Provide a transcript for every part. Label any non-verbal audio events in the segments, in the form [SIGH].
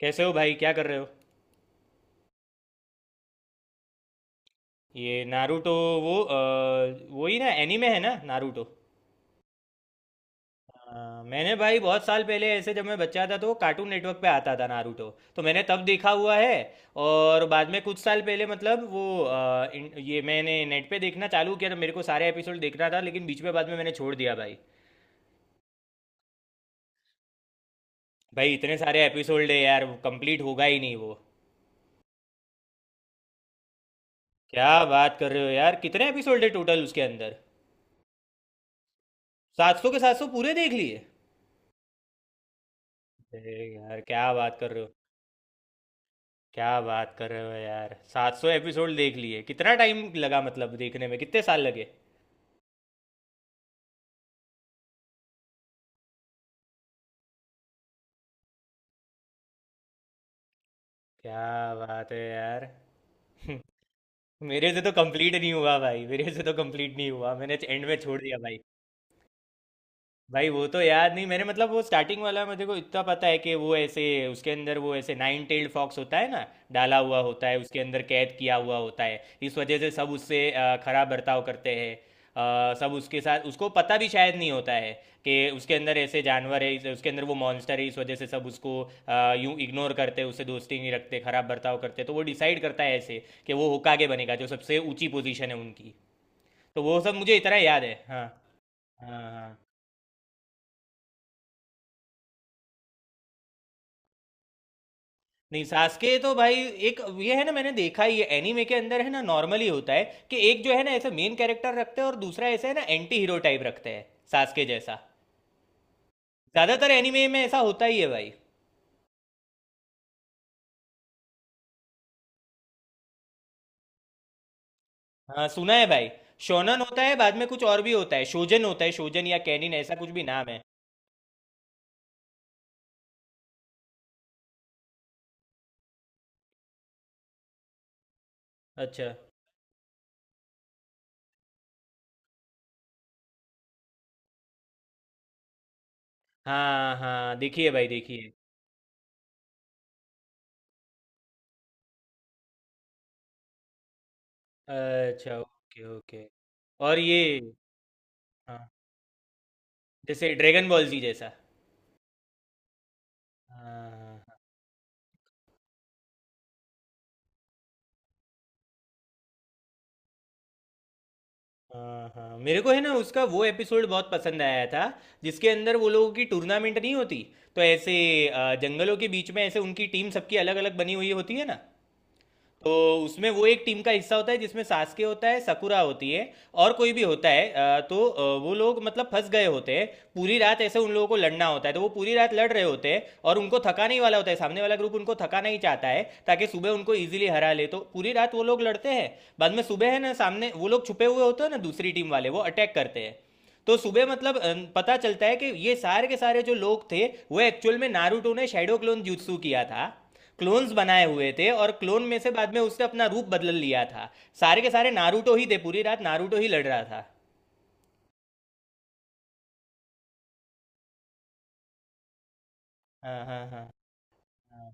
कैसे हो भाई, क्या कर रहे हो। ये नारुतो। वो वही ना एनीमे है ना नारुतो। हाँ, मैंने भाई बहुत साल पहले ऐसे जब मैं बच्चा था तो कार्टून नेटवर्क पे आता था नारुतो। तो मैंने तब देखा हुआ है। और बाद में कुछ साल पहले मतलब वो ये मैंने नेट पे देखना चालू किया तो मेरे को सारे एपिसोड देखना था लेकिन बीच में बाद में मैंने छोड़ दिया भाई। भाई इतने सारे एपिसोड है यार, कंप्लीट होगा ही नहीं वो। क्या बात कर रहे हो यार, कितने एपिसोड है टोटल उसके अंदर। सात सौ के सात सौ पूरे देख लिए? अरे यार क्या बात कर रहे हो। क्या बात कर रहे हो यार, 700 एपिसोड देख लिए, कितना टाइम लगा, मतलब देखने में कितने साल लगे? क्या बात है यार। [LAUGHS] मेरे से तो कंप्लीट नहीं हुआ भाई, मेरे से तो कंप्लीट नहीं हुआ, मैंने एंड में छोड़ दिया भाई। भाई वो तो याद नहीं मैंने, मतलब वो स्टार्टिंग वाला मुझे को इतना पता है कि वो ऐसे उसके अंदर वो ऐसे नाइन टेल्ड फॉक्स होता है ना, डाला हुआ होता है उसके अंदर, कैद किया हुआ होता है, इस वजह से सब उससे खराब बर्ताव करते हैं, सब उसके साथ, उसको पता भी शायद नहीं होता है कि उसके अंदर ऐसे जानवर है, उसके अंदर वो मॉन्स्टर है, इस वजह से सब उसको यूं इग्नोर करते, उससे दोस्ती नहीं रखते, खराब बर्ताव करते, तो वो डिसाइड करता है ऐसे कि वो होकागे बनेगा जो सबसे ऊंची पोजीशन है उनकी। तो वो सब मुझे इतना याद है, हाँ। हाँ हाँ। नहीं, सास्के तो भाई एक ये है ना, मैंने देखा ये एनीमे के अंदर है ना नॉर्मली होता है कि एक जो है ना ऐसे मेन कैरेक्टर रखते हैं और दूसरा ऐसे है ना एंटी हीरो टाइप रखते हैं, सास्के जैसा। ज्यादातर एनीमे में ऐसा होता ही है भाई। हाँ सुना है भाई, शोनन होता है, बाद में कुछ और भी होता है, शोजन होता है, शोजन या कैनिन ऐसा कुछ भी नाम है। अच्छा। हाँ हाँ, देखिए भाई देखिए। अच्छा, ओके ओके। और ये। हाँ, जैसे ड्रैगन बॉल जी जैसा। हाँ हाँ, हाँ। हाँ हाँ, मेरे को है ना उसका वो एपिसोड बहुत पसंद आया था जिसके अंदर वो लोगों की टूर्नामेंट नहीं होती, तो ऐसे जंगलों के बीच में ऐसे उनकी टीम सबकी अलग अलग बनी हुई होती है ना, तो उसमें वो एक टीम का हिस्सा होता है जिसमें सास्के होता है, सकुरा होती है और कोई भी होता है, तो वो लोग मतलब फंस गए होते हैं। पूरी रात ऐसे उन लोगों को लड़ना होता है, तो वो पूरी रात लड़ रहे होते हैं और उनको थकाने ही वाला होता है सामने वाला ग्रुप, उनको थकाना ही चाहता है ताकि सुबह उनको ईजिली हरा ले, तो पूरी रात वो लोग लड़ते हैं। बाद में सुबह है ना, सामने वो लोग छुपे हुए होते हैं ना दूसरी टीम वाले, वो अटैक करते हैं, तो सुबह मतलब पता चलता है कि ये सारे के सारे जो लोग थे वो एक्चुअल में नारुतो ने शैडो क्लोन जुत्सु किया था, क्लोन्स बनाए हुए थे और क्लोन में से बाद में उसने अपना रूप बदल लिया था, सारे के सारे नारुतो ही थे, पूरी रात नारुतो ही लड़ रहा था। हाँ हाँ हाँ। हाँ,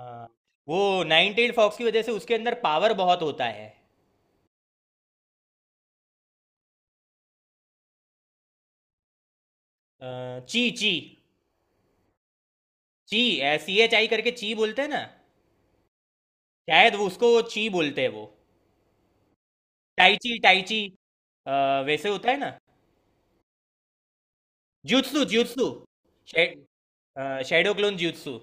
हाँ। वो नाइन टेल्ड फॉक्स की वजह से उसके अंदर पावर बहुत होता है। ची ची। ची, सी एच आई करके ची बोलते हैं ना, शायद वो उसको ची बोलते हैं वो। टाइची टाइची। अ, वैसे होता है ना। Jutsu jutsu. Shadow clone jutsu.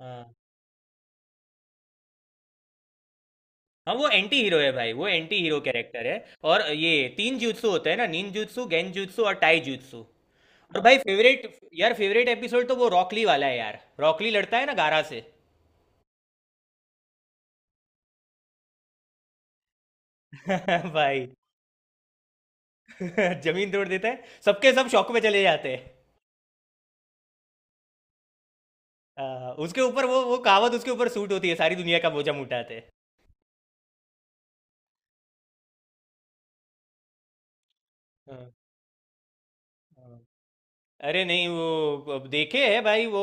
हाँ। हाँ, वो एंटी हीरो है भाई, वो एंटी हीरो कैरेक्टर है। और ये तीन jutsu होते हैं ना, निन jutsu, गेन jutsu और टाई jutsu। और भाई फेवरेट, यार फेवरेट एपिसोड तो वो रॉकली वाला है यार, रॉकली लड़ता है ना गारा से। [LAUGHS] भाई [LAUGHS] जमीन तोड़ देता है, सबके सब शौक में चले जाते हैं। हाँ, उसके ऊपर वो कहावत उसके ऊपर सूट होती है, सारी दुनिया का बोझा उठाते हैं। हाँ, हाँ। अरे नहीं, वो अब देखे है भाई, वो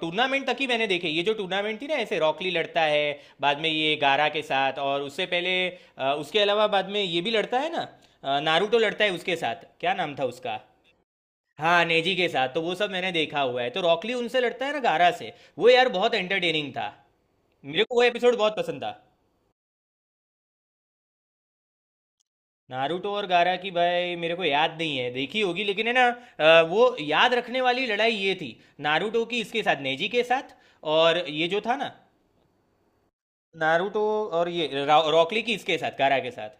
टूर्नामेंट तक ही मैंने देखे, ये जो टूर्नामेंट थी ना ऐसे रॉकली लड़ता है बाद में ये गारा के साथ, और उससे पहले उसके अलावा बाद में ये भी लड़ता है ना, नारुतो लड़ता है उसके साथ, क्या नाम था उसका। हाँ, नेजी के साथ, तो वो सब मैंने देखा हुआ है, तो रॉकली उनसे लड़ता है ना गारा से, वो यार बहुत एंटरटेनिंग था, मेरे को वो एपिसोड बहुत पसंद था। नारुतो और गारा की भाई मेरे को याद नहीं है, देखी होगी लेकिन है ना, वो याद रखने वाली लड़ाई ये थी, नारुतो की इसके साथ नेजी के साथ, और ये जो था ना नारुतो, और ये रॉकली की इसके साथ गारा के साथ।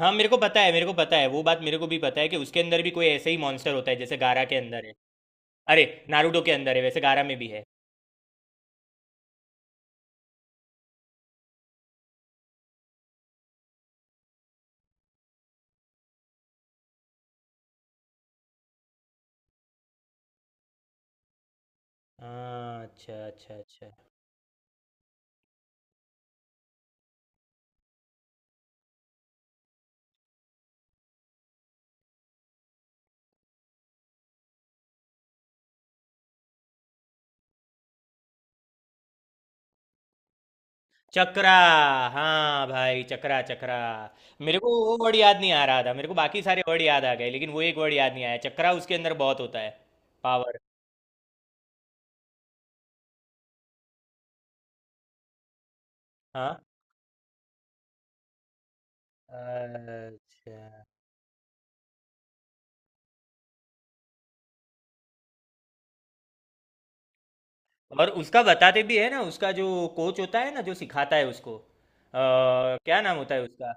हाँ मेरे को पता है, मेरे को पता है वो बात, मेरे को भी पता है कि उसके अंदर भी कोई ऐसे ही मॉन्स्टर होता है जैसे गारा के अंदर है। अरे, नारुतो के अंदर है, वैसे गारा में भी है। हाँ, अच्छा अच्छा अच्छा। चक्रा। हाँ भाई चक्रा चक्रा, मेरे को वो वर्ड याद नहीं आ रहा था, मेरे को बाकी सारे वर्ड याद आ गए लेकिन वो एक वर्ड याद नहीं आया, चक्रा उसके अंदर बहुत होता है। पावर। हाँ। अच्छा। और उसका बताते भी है ना, उसका जो कोच होता है ना जो सिखाता है उसको, क्या नाम होता है उसका।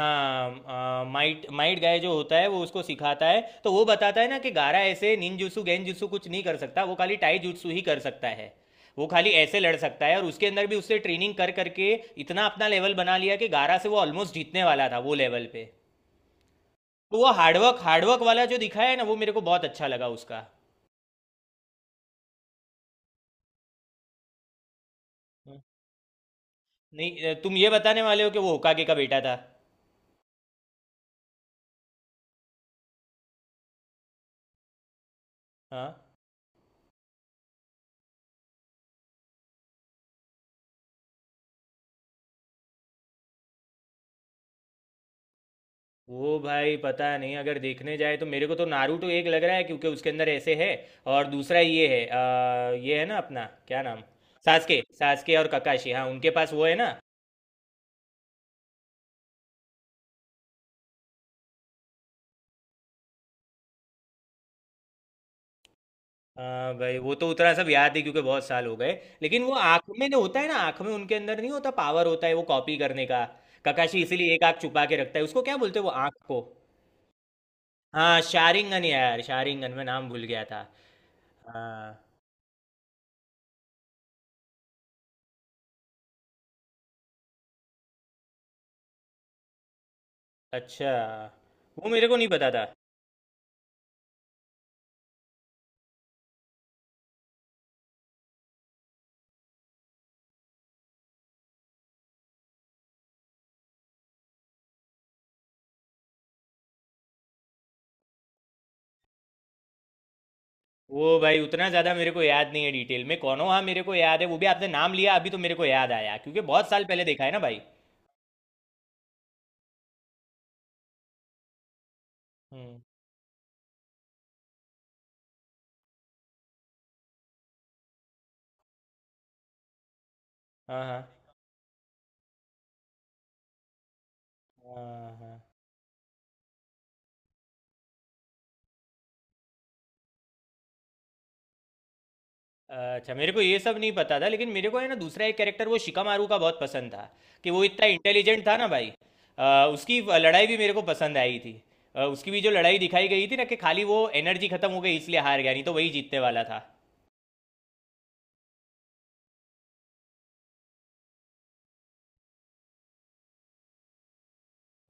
हाँ, माइट माइट गाय जो होता है वो उसको सिखाता है, तो वो बताता है ना कि गारा ऐसे निंजुत्सु गेंजुत्सु कुछ नहीं कर सकता, वो खाली टाई जुत्सु ही कर सकता है, वो खाली ऐसे लड़ सकता है, और उसके अंदर भी उससे ट्रेनिंग कर करके इतना अपना लेवल बना लिया कि गारा से वो ऑलमोस्ट जीतने वाला था वो लेवल पे। तो वो हार्डवर्क हार्डवर्क वाला जो दिखाया है ना, वो मेरे को बहुत अच्छा लगा उसका। नहीं, तुम ये बताने वाले हो कि वो होकागे का बेटा था। हाँ। वो भाई पता नहीं, अगर देखने जाए तो मेरे को तो नारुतो एक लग रहा है क्योंकि उसके अंदर ऐसे है, और दूसरा ये है, ये है ना अपना क्या नाम। सासके सासके और ककाशी, हाँ उनके पास वो है ना। हाँ भाई वो तो उतना सब याद है क्योंकि बहुत साल हो गए। लेकिन वो आंख में ना होता है ना, आंख में उनके अंदर नहीं होता, पावर होता है वो कॉपी करने का। ककाशी इसीलिए एक आंख छुपा के रखता है, उसको क्या बोलते हैं वो आंख को। हाँ शारिंगन, यार शारिंगन मैं नाम भूल गया था। हाँ। अच्छा, वो मेरे को नहीं पता था। वो भाई उतना ज़्यादा मेरे को याद नहीं है डिटेल में कौनो, हाँ मेरे को याद है, वो भी आपने नाम लिया अभी तो मेरे को याद आया क्योंकि बहुत साल पहले देखा है ना भाई। हम्म। हाँ हाँ हाँ। हाँ अच्छा, मेरे को ये सब नहीं पता था, लेकिन मेरे को है ना दूसरा एक कैरेक्टर वो शिकामारू का बहुत पसंद था, कि वो इतना इंटेलिजेंट था ना भाई। उसकी लड़ाई भी मेरे को पसंद आई थी। उसकी भी जो लड़ाई दिखाई गई थी ना, कि खाली वो एनर्जी खत्म हो गई इसलिए हार गया, नहीं तो वही जीतने वाला था।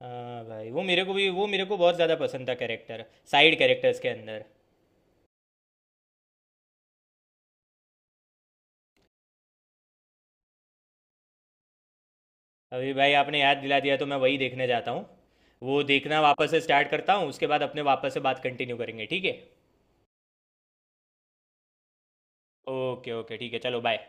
हाँ भाई, वो मेरे को भी, वो मेरे को बहुत ज़्यादा पसंद था कैरेक्टर, साइड कैरेक्टर्स के अंदर। अभी भाई आपने याद दिला दिया तो मैं वही देखने जाता हूँ, वो देखना वापस से स्टार्ट करता हूँ, उसके बाद अपने वापस से बात कंटिन्यू करेंगे, ठीक है। ओके ओके, ठीक है, चलो बाय।